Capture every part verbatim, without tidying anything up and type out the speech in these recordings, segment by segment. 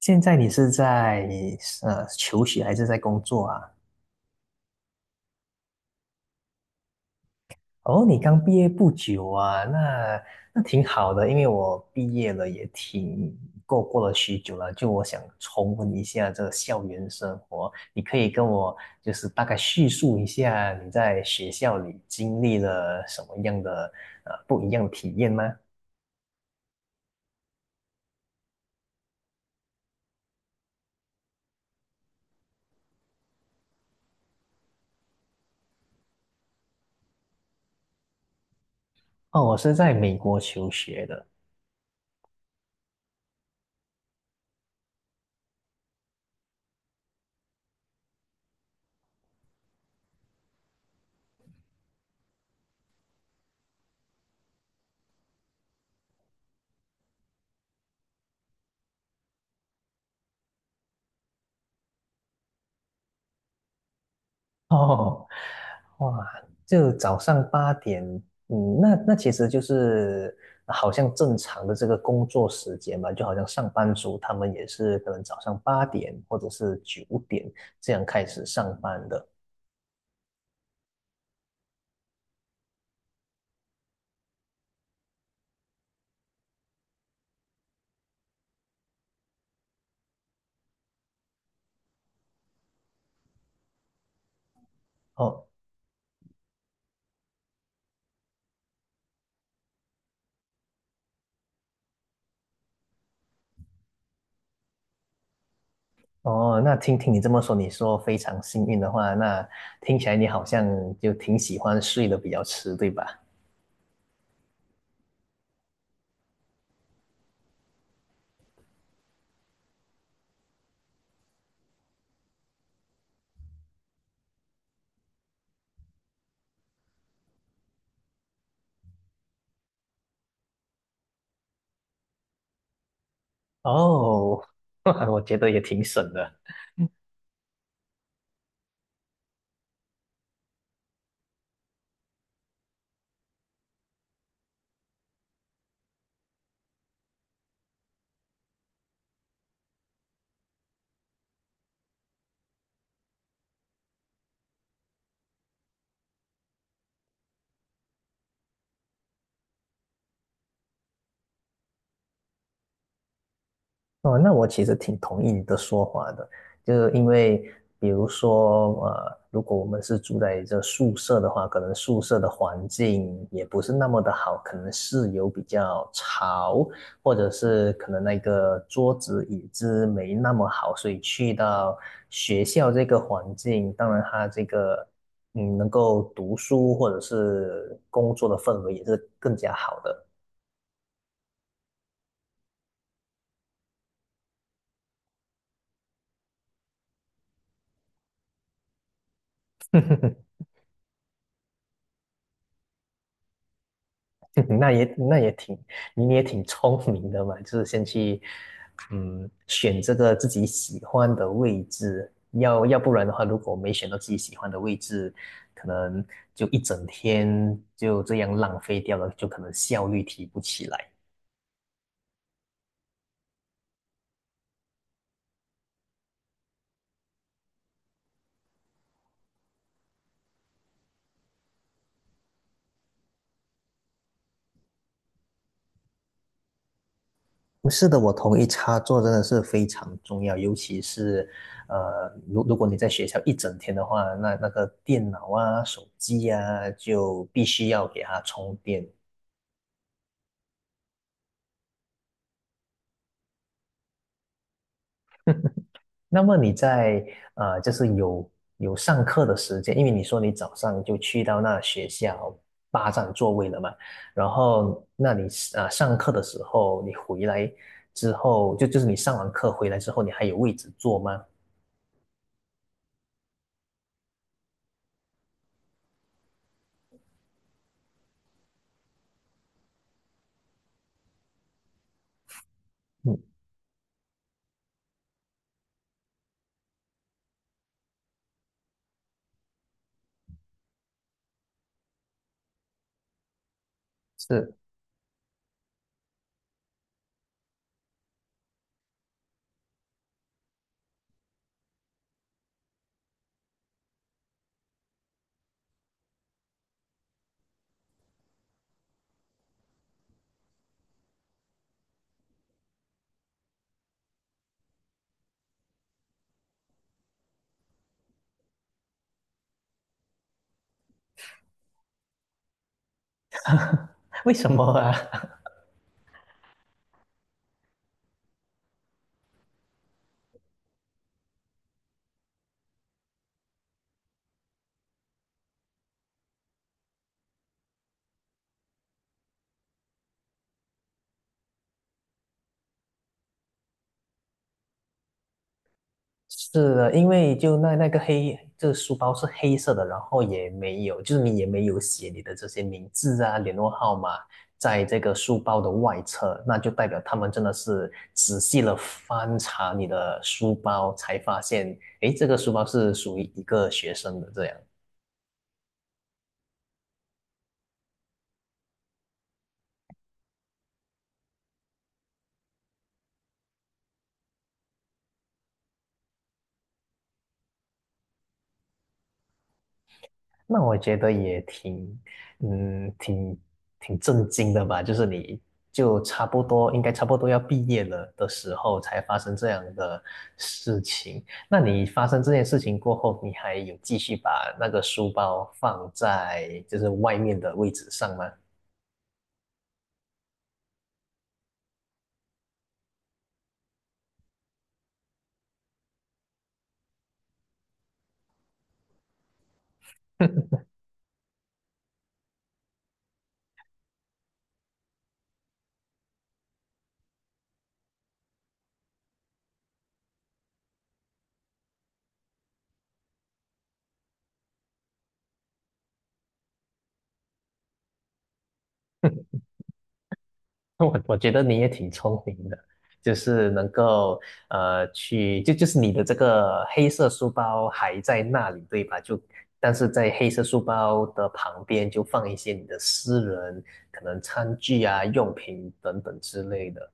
现在你是在呃求学还是在工作啊？哦，你刚毕业不久啊，那那挺好的，因为我毕业了也挺过过了许久了，就我想重温一下这个校园生活。你可以跟我就是大概叙述一下你在学校里经历了什么样的呃不一样的体验吗？哦，我是在美国求学的。哦，哇，就早上八点，嗯，那那其实就是好像正常的这个工作时间嘛，就好像上班族他们也是可能早上八点或者是九点这样开始上班的。哦哦，那听听你这么说，你说非常幸运的话，那听起来你好像就挺喜欢睡得比较迟，对吧？哦，我觉得也挺省的。哦，那我其实挺同意你的说法的，就是因为比如说，呃，如果我们是住在这宿舍的话，可能宿舍的环境也不是那么的好，可能室友比较吵，或者是可能那个桌子椅子没那么好，所以去到学校这个环境，当然它这个嗯能够读书或者是工作的氛围也是更加好的。那也那也挺，你你也挺聪明的嘛，就是先去，嗯，选这个自己喜欢的位置，要要不然的话，如果没选到自己喜欢的位置，可能就一整天就这样浪费掉了，就可能效率提不起来。是的，我同意，插座真的是非常重要，尤其是，呃，如如果你在学校一整天的话，那那个电脑啊、手机啊，就必须要给它充电。那么你在呃，就是有有上课的时间，因为你说你早上就去到那学校霸占座位了嘛，然后那你呃上课的时候，你回来之后，就就是你上完课回来之后，你还有位置坐吗？嗯，是，为什么啊？是的，因为就那那个黑，这个书包是黑色的，然后也没有，就是你也没有写你的这些名字啊、联络号码，在这个书包的外侧，那就代表他们真的是仔细的翻查你的书包，才发现，诶，这个书包是属于一个学生的这样。那我觉得也挺，嗯，挺挺震惊的吧。就是你就差不多应该差不多要毕业了的时候，才发生这样的事情。那你发生这件事情过后，你还有继续把那个书包放在就是外面的位置上吗？我我觉得你也挺聪明的，就是能够呃去，就就是你的这个黑色书包还在那里，对吧？就但是在黑色书包的旁边就放一些你的私人可能餐具啊、用品等等之类的。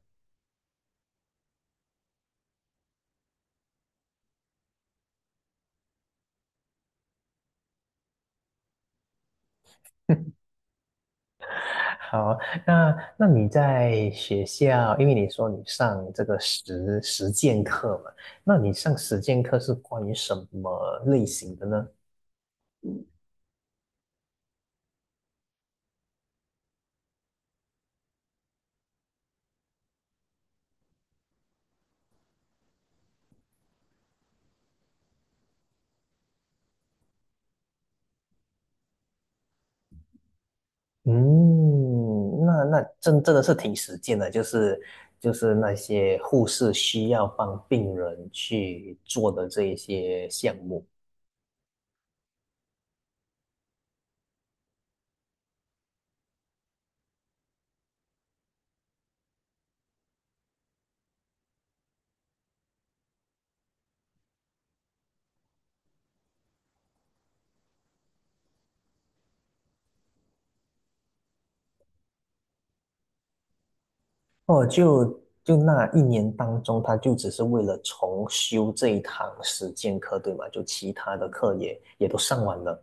好，那那你在学校，因为你说你上这个实实践课嘛，那你上实践课是关于什么类型的呢？嗯，那那真真的是挺实践的，就是就是那些护士需要帮病人去做的这一些项目。哦，就就那一年当中，他就只是为了重修这一堂实践课，对吗？就其他的课也也都上完了。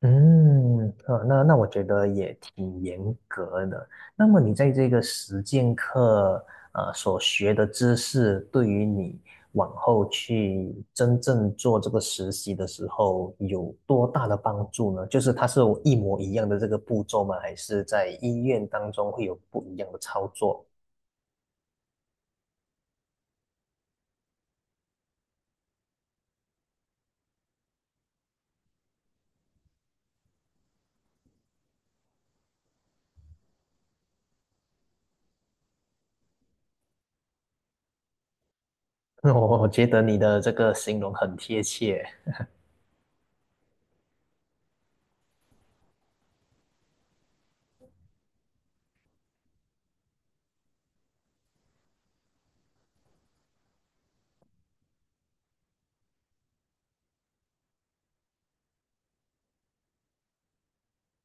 嗯，啊，那那我觉得也挺严格的。那么你在这个实践课，呃，所学的知识，对于你往后去真正做这个实习的时候，有多大的帮助呢？就是它是一模一样的这个步骤吗？还是在医院当中会有不一样的操作？我我觉得你的这个形容很贴切。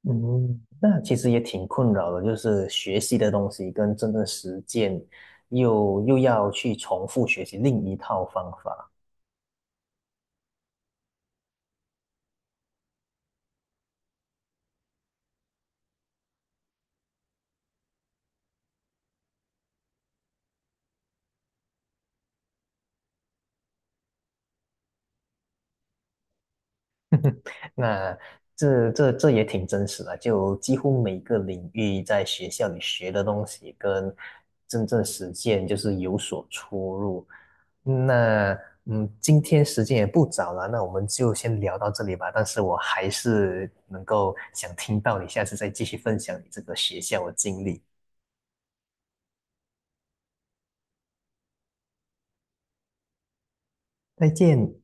嗯，那其实也挺困扰的，就是学习的东西跟真正实践又又要去重复学习另一套方法。那这这这也挺真实的，就几乎每个领域在学校里学的东西跟真正实践就是有所出入。那嗯，今天时间也不早了，那我们就先聊到这里吧。但是我还是能够想听到你下次再继续分享你这个学校的经历。再见。